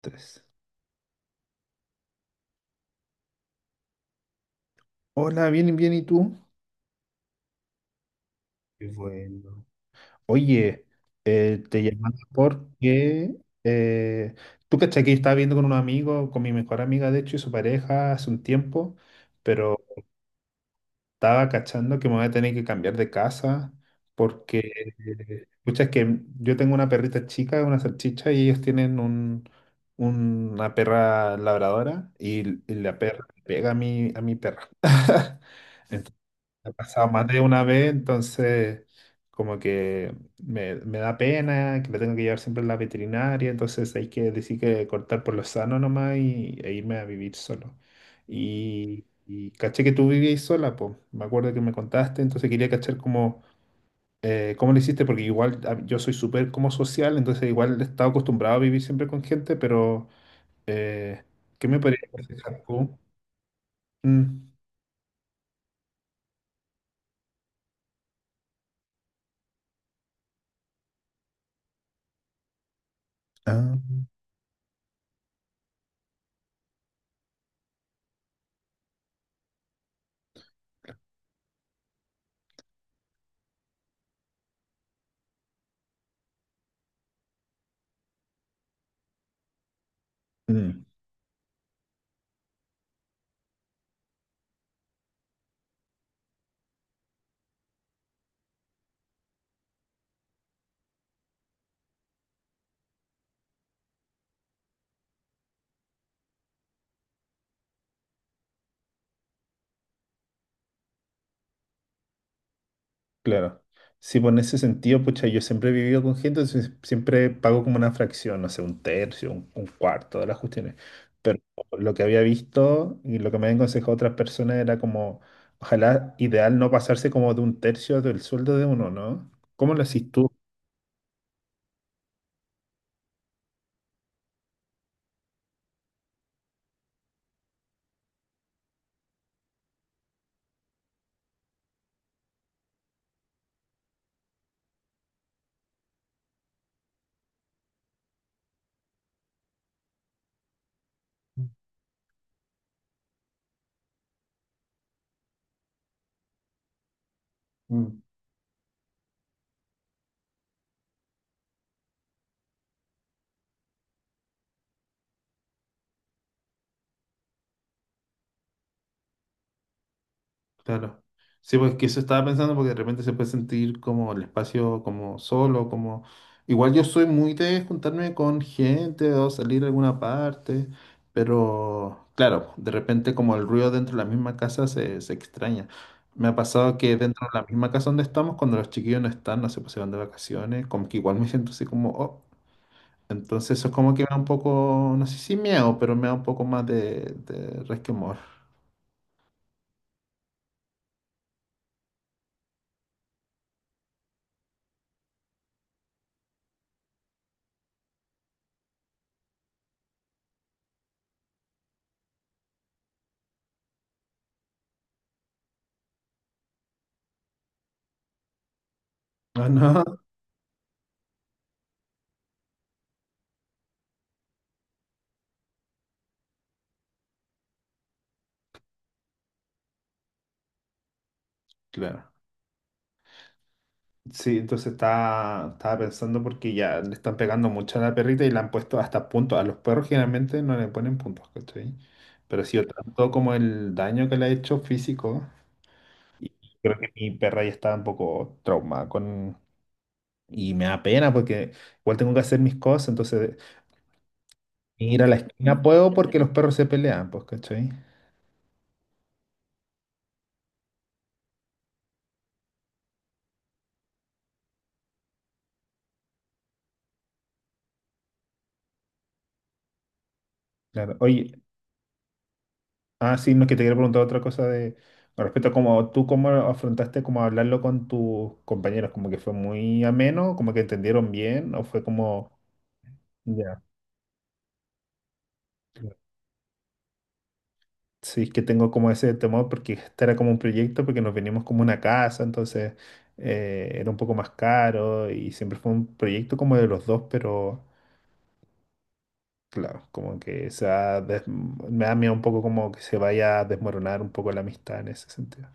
Tres. Hola, bien, bien, ¿y tú? Qué bueno. Oye, te llamaba porque eh, tú cachai que yo estaba viendo con un amigo, con mi mejor amiga, de hecho, y su pareja hace un tiempo, pero estaba cachando que me voy a tener que cambiar de casa porque, escucha, es que yo tengo una perrita chica, una salchicha, y ellos tienen una perra labradora y la perra pega a mi perra. Entonces, me ha pasado más de una vez, entonces como que me da pena que la tengo que llevar siempre a la veterinaria, entonces hay que decir que cortar por lo sano nomás e irme a vivir solo. Y caché que tú vivías sola, pues me acuerdo que me contaste, entonces quería cachar cómo, cómo lo hiciste, porque igual ah, yo soy súper como social, entonces igual he estado acostumbrado a vivir siempre con gente, pero eh, ¿qué me podrías aconsejar tú? Mm. Ah. Mm. Claro. Sí, pues en ese sentido, pucha, yo siempre he vivido con gente, entonces siempre pago como una fracción, no sé, un tercio, un cuarto de las cuestiones. Pero lo que había visto y lo que me habían aconsejado otras personas era como, ojalá ideal no pasarse como de un tercio del sueldo de uno, ¿no? ¿Cómo lo haces tú? Mm. Claro. Sí, pues que eso estaba pensando porque de repente se puede sentir como el espacio como solo, como... Igual yo soy muy de juntarme con gente o salir a alguna parte, pero claro, de repente como el ruido dentro de la misma casa se extraña. Me ha pasado que dentro de la misma casa donde estamos, cuando los chiquillos no están, no sé, pues se van de vacaciones, como que igual me siento así como, oh, entonces eso es como que me da un poco, no sé si miedo, pero me da un poco más de resquemor. Ah, no, claro. Sí, entonces estaba pensando porque ya le están pegando mucho a la perrita y le han puesto hasta puntos. A los perros generalmente no le ponen puntos, ¿cachai? Pero sí, tanto como el daño que le ha hecho físico, creo que mi perra ya está un poco traumada con... Y me da pena porque igual tengo que hacer mis cosas, entonces ir a la esquina puedo porque los perros se pelean, pues, ¿cachai? Claro. Oye, ah, sí, no, que te quiero preguntar otra cosa de con respecto a cómo tú cómo afrontaste como hablarlo con tus compañeros, como que fue muy ameno, como que entendieron bien, o fue como ya. Sí, es que tengo como ese temor porque este era como un proyecto, porque nos venimos como una casa, entonces era un poco más caro y siempre fue un proyecto como de los dos, pero claro, como que se ha des- me da miedo un poco como que se vaya a desmoronar un poco la amistad en ese sentido.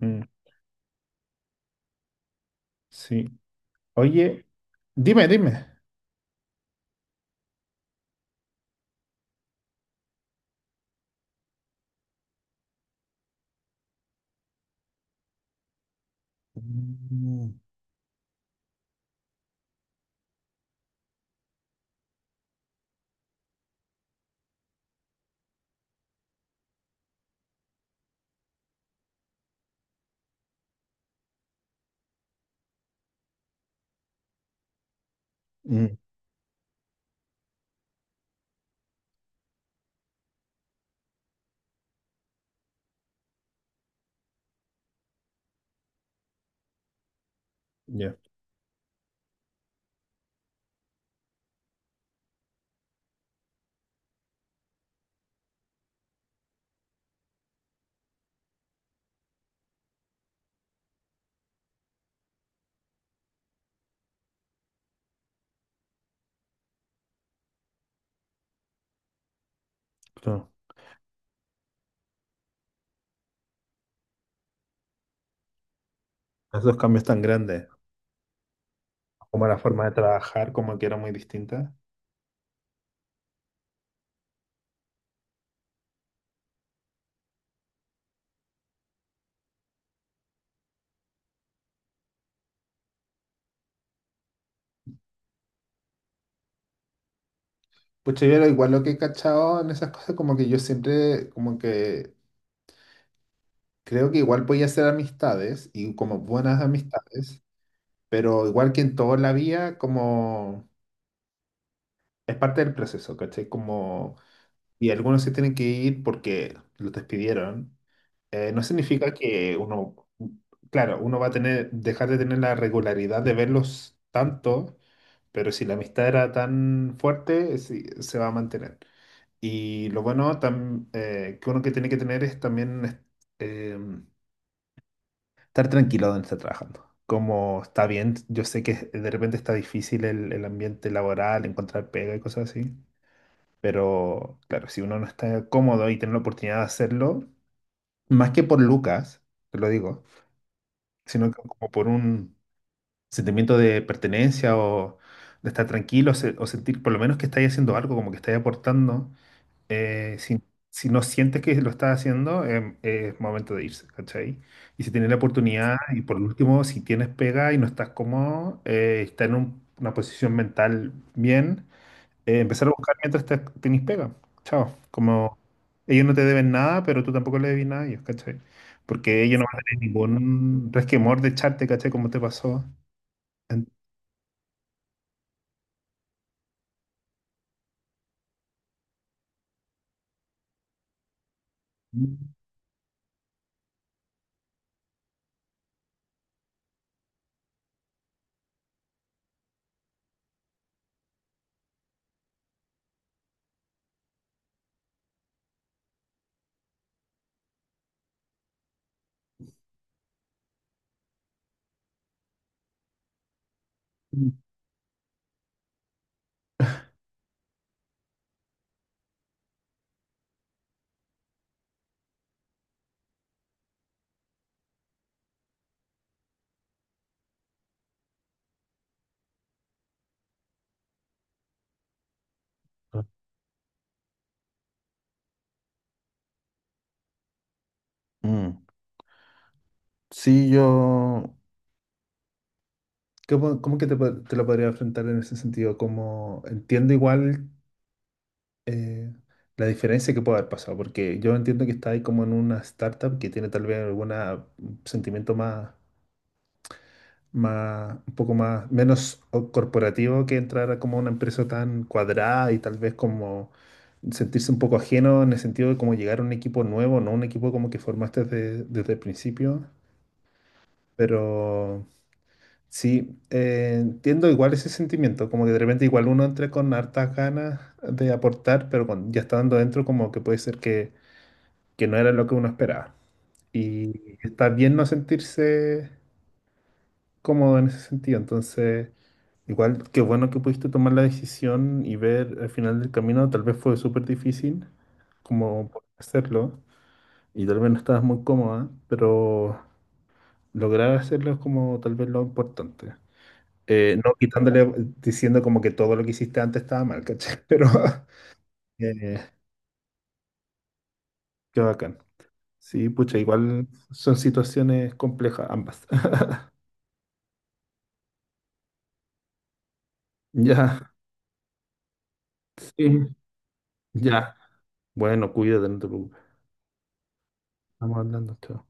Mm, sí. Oye, dime, dime. Mm, mm, ya, claro. Los dos cambios tan grandes, como la forma de trabajar, como que era muy distinta. Pues yo era igual lo que he cachado en esas cosas, como que yo siempre, como que creo que igual podía hacer amistades y como buenas amistades, pero igual que en toda la vida, como es parte del proceso, ¿cachai? Como, y algunos se tienen que ir porque los despidieron. No significa que uno, claro, uno va a tener, dejar de tener la regularidad de verlos tanto, pero si la amistad era tan fuerte, sí, se va a mantener. Y lo bueno tam- que uno que tiene que tener es también es- eh, estar tranquilo donde está trabajando. Como está bien, yo sé que de repente está difícil el ambiente laboral, encontrar pega y cosas así, pero claro, si uno no está cómodo y tiene la oportunidad de hacerlo, más que por Lucas, te lo digo sino que como por un sentimiento de pertenencia o de estar tranquilo se- o sentir por lo menos que estáis haciendo algo, como que estáis aportando. Si, si no sientes que lo estás haciendo, es momento de irse, ¿cachai? Y si tienes la oportunidad, y por último, si tienes pega y no estás cómodo, está en un- una posición mental bien empezar a buscar mientras tenés pega. Chao. Como ellos no te deben nada, pero tú tampoco le debes nada a ellos, ¿cachai? Porque ellos no van a tener ningún resquemor de echarte, ¿cachai? Como te pasó. En- mm. Sí, yo... ¿Cómo, cómo que te, po- te lo podría enfrentar en ese sentido? Como entiendo igual eh, la diferencia que puede haber pasado, porque yo entiendo que está ahí como en una startup que tiene tal vez algún sentimiento más más, un poco más, menos o- corporativo que entrar a como una empresa tan cuadrada y tal vez como sentirse un poco ajeno en el sentido de como llegar a un equipo nuevo, no un equipo como que formaste desde, desde el principio, pero sí, entiendo igual ese sentimiento, como que de repente igual uno entra con hartas ganas de aportar, pero cuando ya estando dentro como que puede ser que no era lo que uno esperaba. Y está bien no sentirse cómodo en ese sentido. Entonces, igual, qué bueno que pudiste tomar la decisión y ver al final del camino, tal vez fue súper difícil como poder hacerlo y tal vez no estabas muy cómoda, pero lograr hacerlo es como tal vez lo importante. No quitándole, diciendo como que todo lo que hiciste antes estaba mal, ¿cachai? Pero eh, qué bacán. Sí, pucha, igual son situaciones complejas ambas. Ya, sí, ya. Bueno, cuídate, no te preocupes. Estamos hablando, chao.